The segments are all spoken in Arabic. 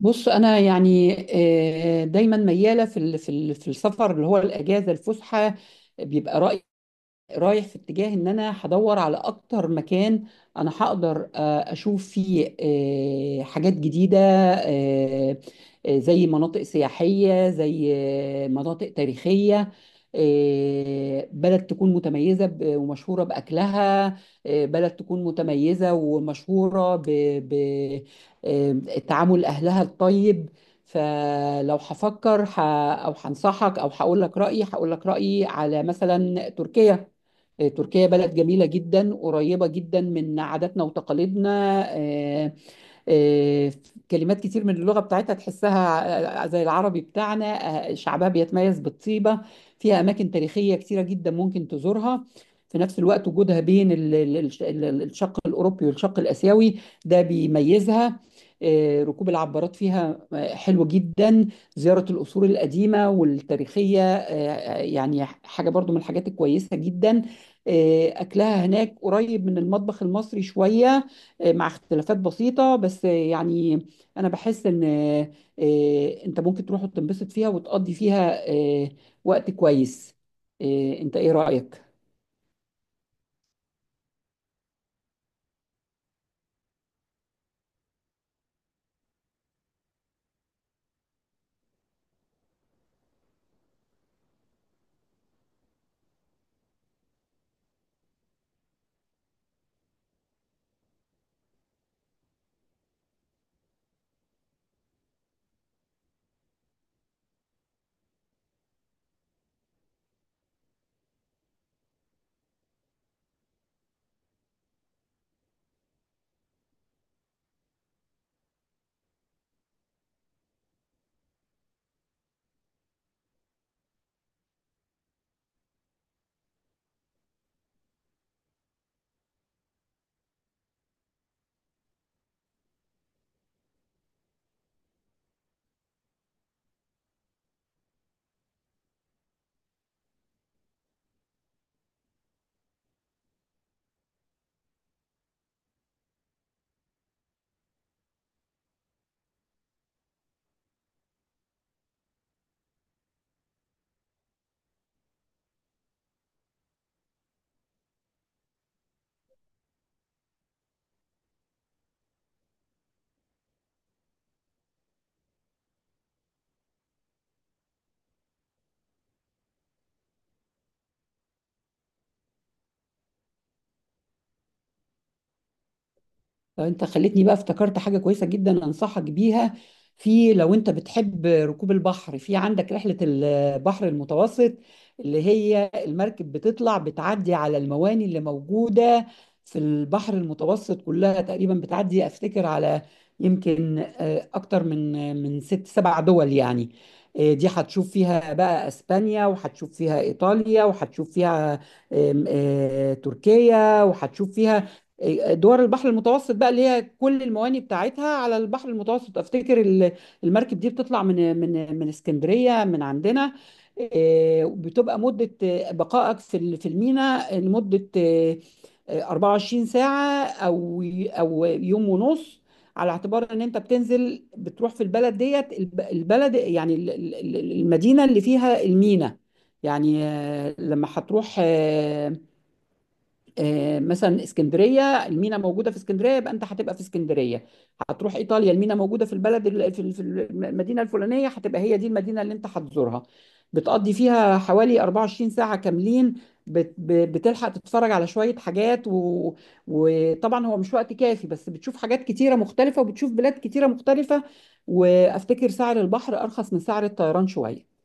بص انا يعني، دايما مياله في السفر اللي هو الاجازه الفسحه. بيبقى رايح في اتجاه ان انا هدور على اكتر مكان انا هقدر اشوف فيه حاجات جديدة، زي مناطق سياحية، زي مناطق تاريخية. بلد تكون متميزة ومشهورة بأكلها. بلد تكون متميزة ومشهورة بتعامل أهلها الطيب. فلو هفكر أو هنصحك أو هقول لك رأيي على مثلا تركيا. تركيا بلد جميلة جدا، قريبة جدا من عاداتنا وتقاليدنا. آه، كلمات كتير من اللغة بتاعتها تحسها زي العربي بتاعنا. شعبها بيتميز بالطيبة. فيها أماكن تاريخية كتيرة جدا ممكن تزورها. في نفس الوقت وجودها بين الشق الأوروبي والشق الآسيوي، ده بيميزها. ركوب العبارات فيها حلو جدا. زيارة القصور القديمة والتاريخية يعني حاجة برضو من الحاجات الكويسة جدا. أكلها هناك قريب من المطبخ المصري شوية، مع اختلافات بسيطة بس يعني. أنا بحس إن أنت ممكن تروح وتنبسط فيها وتقضي فيها وقت كويس. أنت إيه رأيك؟ لو انت خليتني بقى افتكرت حاجة كويسة جدا انصحك بيها. في، لو انت بتحب ركوب البحر، في عندك رحلة البحر المتوسط اللي هي المركب بتطلع بتعدي على المواني اللي موجودة في البحر المتوسط كلها تقريبا. بتعدي افتكر على يمكن اكتر من ست سبع دول يعني. دي هتشوف فيها بقى اسبانيا وهتشوف فيها ايطاليا وهتشوف فيها آم، آه، تركيا وهتشوف فيها دول البحر المتوسط بقى اللي هي كل المواني بتاعتها على البحر المتوسط. افتكر المركب دي بتطلع من اسكندريه من عندنا. بتبقى مده بقائك في الميناء لمده 24 ساعه او يوم ونص، على اعتبار ان انت بتنزل بتروح في البلد ديت. البلد يعني المدينه اللي فيها الميناء. يعني لما هتروح مثلا اسكندريه، المينا موجوده في اسكندريه يبقى انت هتبقى في اسكندريه. هتروح ايطاليا المينا موجوده في البلد ال- في ال- في المدينه الفلانيه، هتبقى هي دي المدينه اللي انت هتزورها. بتقضي فيها حوالي 24 ساعه كاملين. بتلحق تتفرج على شويه حاجات وطبعا هو مش وقت كافي، بس بتشوف حاجات كتيره مختلفه وبتشوف بلاد كتيره مختلفه. وافتكر سعر البحر ارخص من سعر الطيران شويه.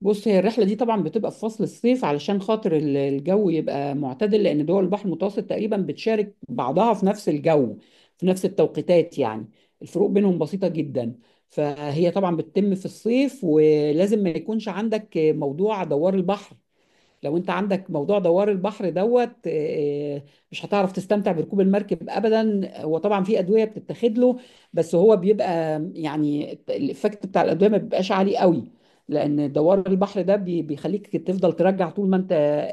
بص، هي الرحلة دي طبعا بتبقى في فصل الصيف علشان خاطر الجو يبقى معتدل، لأن دول البحر المتوسط تقريبا بتشارك بعضها في نفس الجو، في نفس التوقيتات يعني. الفروق بينهم بسيطة جدا. فهي طبعا بتتم في الصيف، ولازم ما يكونش عندك موضوع دوار البحر. لو انت عندك موضوع دوار البحر دوت، مش هتعرف تستمتع بركوب المركب ابدا. هو طبعا في ادويه بتتاخد له، بس هو بيبقى يعني الايفكت بتاع الادويه ما بيبقاش عالي قوي، لان دوار البحر ده بيخليك تفضل ترجع طول ما انت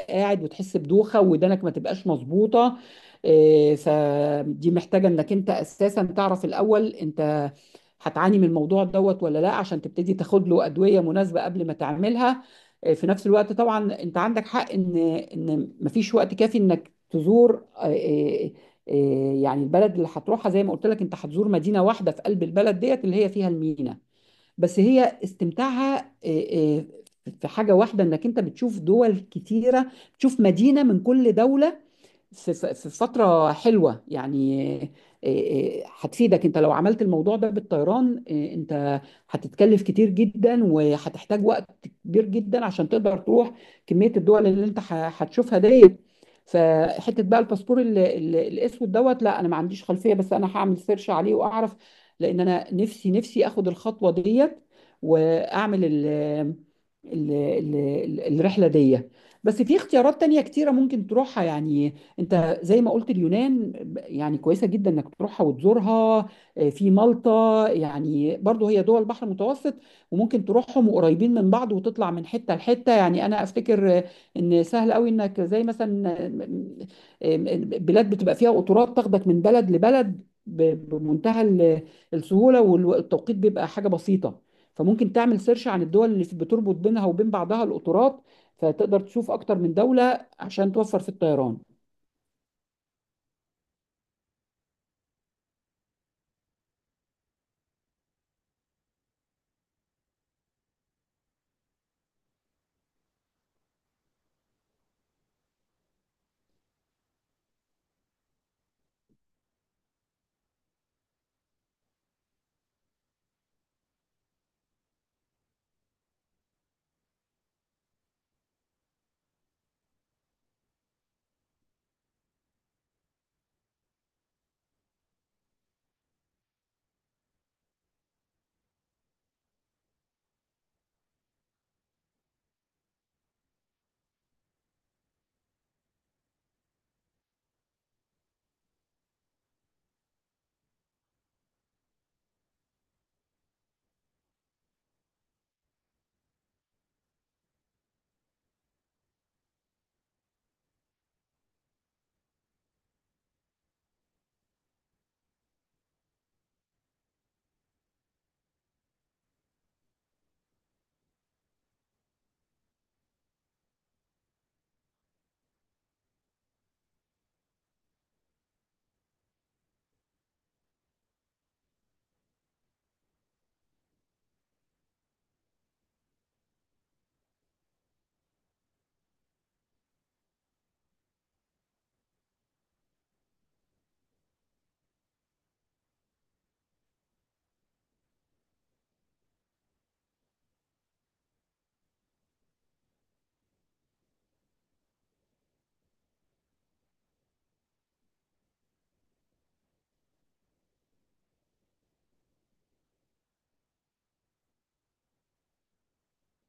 قاعد، وتحس بدوخه ودانك ما تبقاش مظبوطه. فدي محتاجه انك انت اساسا تعرف الاول انت هتعاني من الموضوع دوت ولا لا، عشان تبتدي تاخد له ادويه مناسبه قبل ما تعملها. في نفس الوقت طبعا انت عندك حق ان مفيش وقت كافي انك تزور يعني البلد اللي هتروحها. زي ما قلت لك، انت هتزور مدينه واحده في قلب البلد ديت اللي هي فيها المينا، بس هي استمتاعها آه، في حاجه واحده، انك انت بتشوف دول كتيره، تشوف مدينه من كل دوله في فترة حلوة يعني. هتفيدك انت، لو عملت الموضوع ده بالطيران انت هتتكلف كتير جدا وهتحتاج وقت كبير جدا عشان تقدر تروح كمية الدول اللي انت هتشوفها ديت. فحتة بقى الباسبور الاسود دوت، لا انا ما عنديش خلفية، بس انا هعمل سيرش عليه واعرف، لان انا نفسي نفسي اخد الخطوة ديت واعمل الرحلة دي. بس في اختيارات تانية كتيرة ممكن تروحها يعني. انت زي ما قلت، اليونان يعني كويسه جدا انك تروحها وتزورها. في مالطا، يعني برضو هي دول البحر المتوسط، وممكن تروحهم وقريبين من بعض وتطلع من حته لحته. يعني انا افتكر ان سهل قوي انك زي مثلا آه، بلاد بتبقى فيها قطارات تاخدك من بلد لبلد بمنتهى السهوله، والتوقيت بيبقى حاجه بسيطه. فممكن تعمل سيرش عن الدول اللي بتربط بينها وبين بعضها القطارات، فتقدر تشوف اكتر من دولة عشان توفر في الطيران.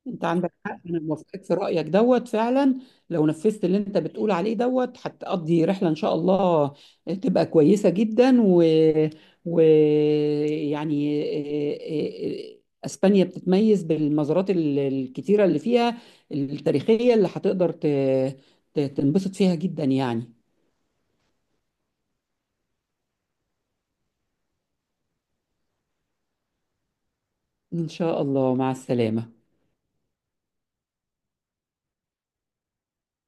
انت عندك حق، انا موافقك في رايك دوت فعلا. لو نفذت اللي انت بتقول عليه دوت هتقضي رحله ان شاء الله تبقى كويسه جدا و... يعني اه- اه- اسبانيا بتتميز بالمزارات الكتيره اللي فيها التاريخيه، اللي هتقدر تنبسط فيها جدا يعني. ان شاء الله مع السلامه.